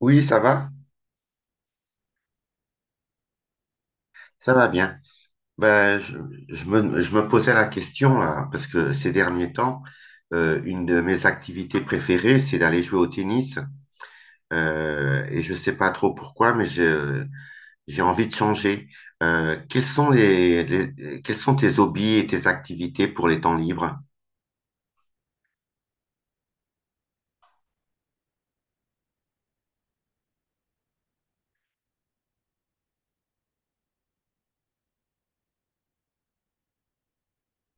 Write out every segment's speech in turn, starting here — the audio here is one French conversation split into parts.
Oui, ça va bien. Ben, je, je me posais la question, là, parce que ces derniers temps, une de mes activités préférées, c'est d'aller jouer au tennis. Et je sais pas trop pourquoi, j'ai envie de changer. Quels sont tes hobbies et tes activités pour les temps libres?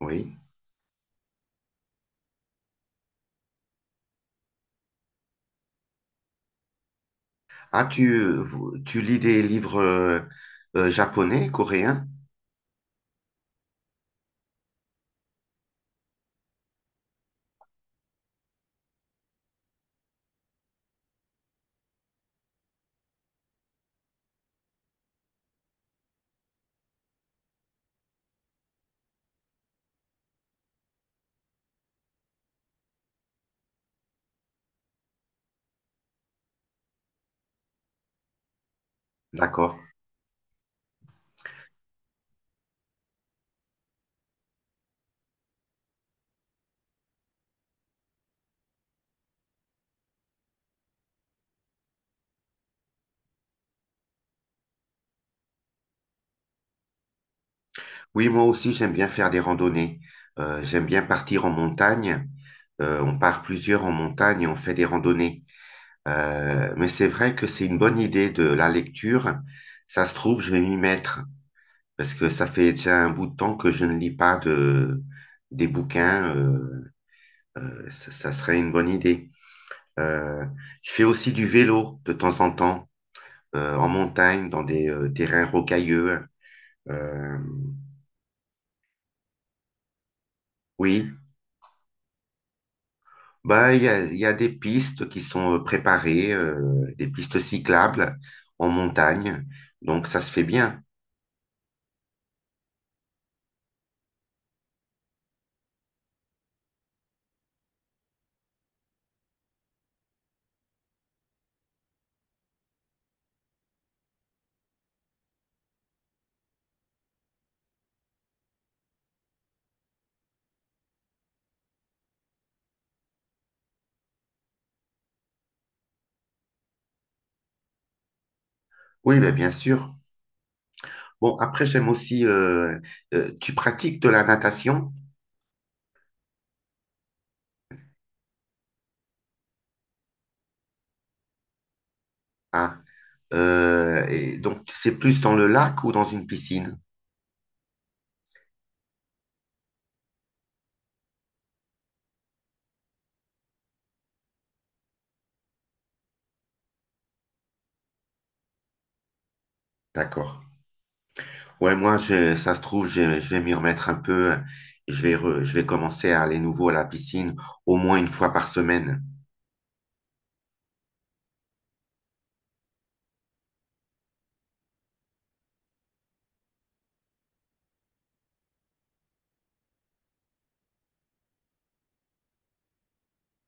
Oui. Tu lis des livres japonais, coréens? D'accord. Oui, moi aussi, j'aime bien faire des randonnées. J'aime bien partir en montagne. On part plusieurs en montagne et on fait des randonnées. Mais c'est vrai que c'est une bonne idée de la lecture. Ça se trouve, je vais m'y mettre parce que ça fait déjà un bout de temps que je ne lis pas de, des bouquins. Ça serait une bonne idée. Euh, je fais aussi du vélo de temps en temps en montagne, dans des terrains rocailleux. Euh, oui, bah, il y a des pistes qui sont préparées, des pistes cyclables en montagne, donc ça se fait bien. Oui, bah, bien sûr. Bon, après, j'aime aussi, tu pratiques de la natation, ah, et donc c'est plus dans le lac ou dans une piscine? D'accord. Ouais, ça se trouve, je vais m'y remettre un peu. Je vais commencer à aller nouveau à la piscine au moins une fois par semaine.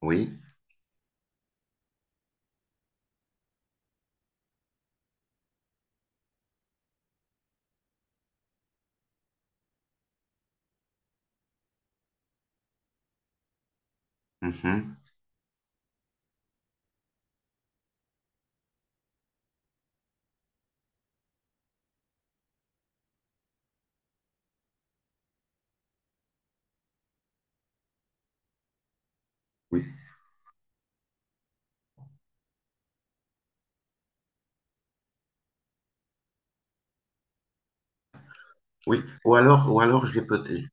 Oui. Mhm. Oui. Oui. Ou alors, je vais peut-être,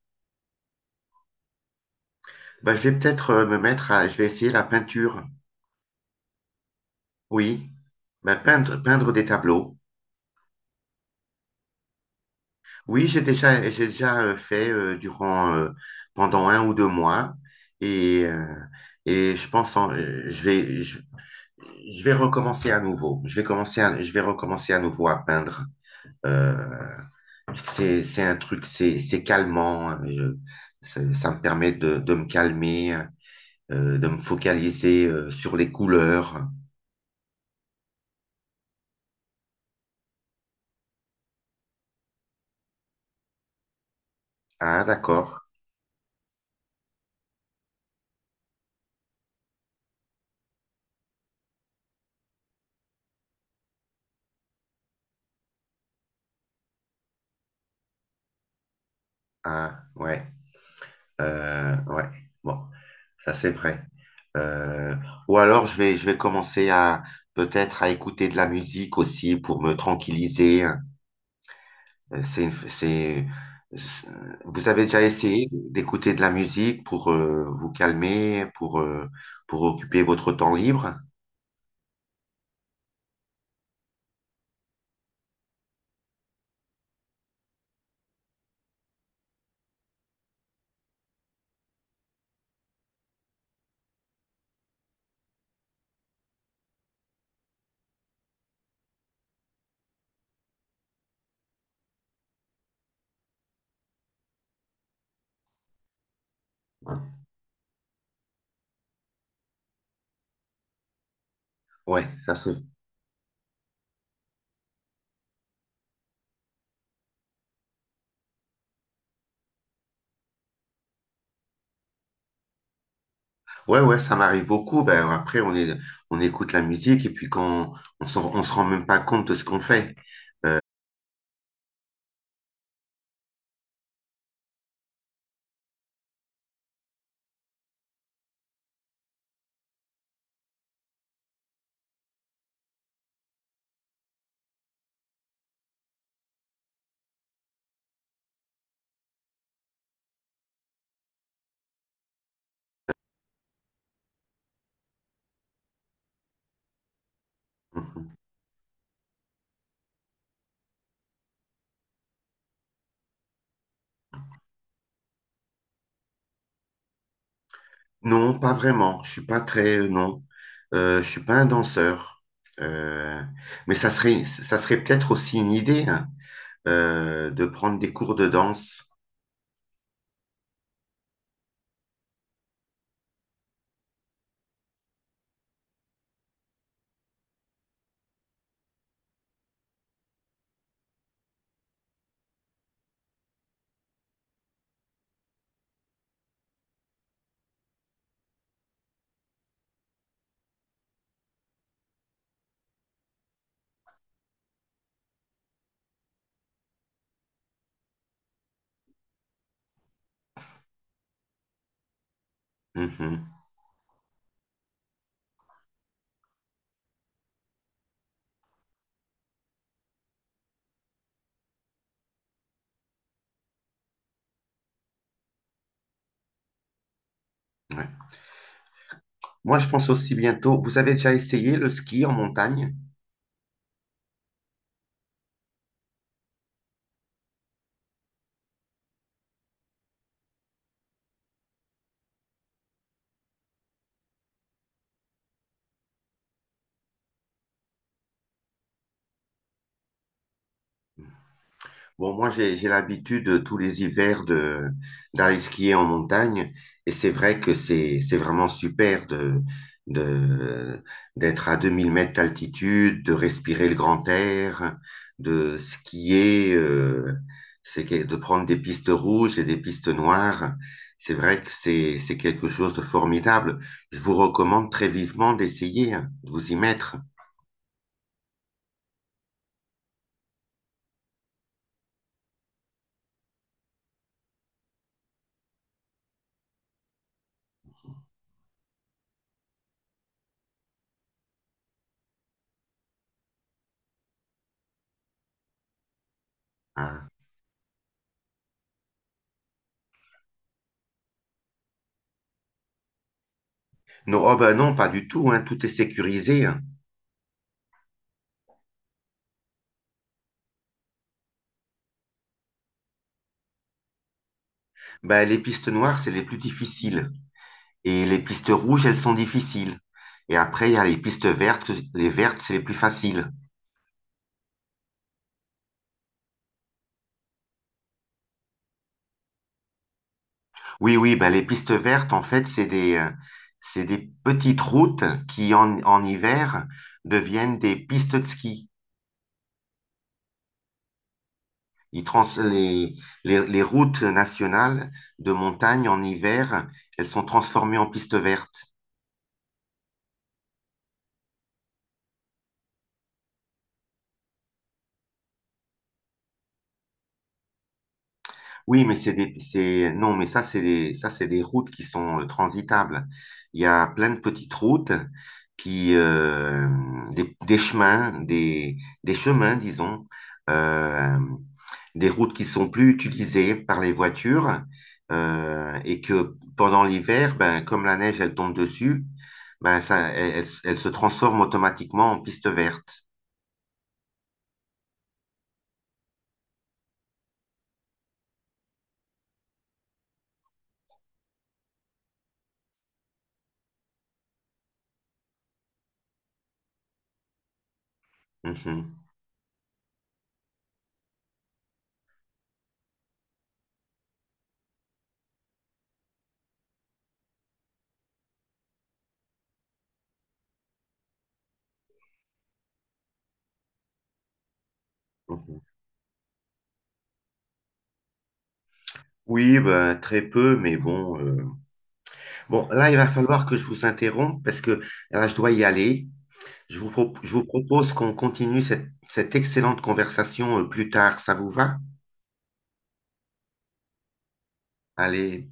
Bah, Je vais peut-être je vais essayer la peinture. Oui. Bah, peindre, peindre des tableaux. Oui, j'ai déjà fait pendant un ou deux mois. Et, euh, je pense, je vais recommencer à nouveau. Je vais recommencer à nouveau à peindre. Euh, c'est un truc, c'est calmant. Ça ça me permet de me calmer, de me focaliser sur les couleurs. Ah, d'accord. Ah, ouais. Ouais. Bon, ça c'est vrai. Euh, ou alors je vais, Je vais commencer à peut-être à écouter de la musique aussi pour me tranquilliser. Euh, C'est, c'est, c'est- Vous avez déjà essayé d'écouter de la musique pour vous calmer, pour occuper votre temps libre? Ouais, ça c'est. Ouais, ouais, ça m'arrive beaucoup. Ben, après, on écoute la musique et puis quand on on se rend même pas compte de ce qu'on fait. Non, pas vraiment. Je suis pas très, non. Je suis pas un danseur. Euh, mais ça serait peut-être aussi une idée, hein, de prendre des cours de danse. Mhm, ouais. Moi, je pense aussi bientôt. Vous avez déjà essayé le ski en montagne? Bon, moi, j'ai l'habitude tous les hivers de, d'aller skier en montagne et c'est vrai que c'est vraiment super de, d'être à 2000 mètres d'altitude, de respirer le grand air, de skier, de prendre des pistes rouges et des pistes noires. C'est vrai que c'est quelque chose de formidable. Je vous recommande très vivement d'essayer, hein, de vous y mettre. Hein. Non, oh ben non, pas du tout, hein, tout est sécurisé. Hein. Bah, les pistes noires, c'est les plus difficiles. Et les pistes rouges, elles sont difficiles. Et après, il y a les pistes vertes. Les vertes, c'est les plus faciles. Oui, oui, bah, les pistes vertes, en fait, c'est des petites routes qui, en hiver, deviennent des pistes de ski. Ils trans Les routes nationales de montagne en hiver, elles sont transformées en pistes vertes. Non, c'est des routes qui sont transitables. Il y a plein de petites routes qui, des, des chemins, des, des chemins, disons, euh, des routes qui sont plus utilisées par les voitures, et que pendant l'hiver, ben, comme la neige, elle tombe dessus, elle se transforme automatiquement en piste verte. Mhm, mhm. Oui, ben, très peu, mais bon. Bon, là, il va falloir que je vous interrompe parce que là, je dois y aller. Je vous propose qu'on continue cette excellente conversation plus tard. Ça vous va? Allez.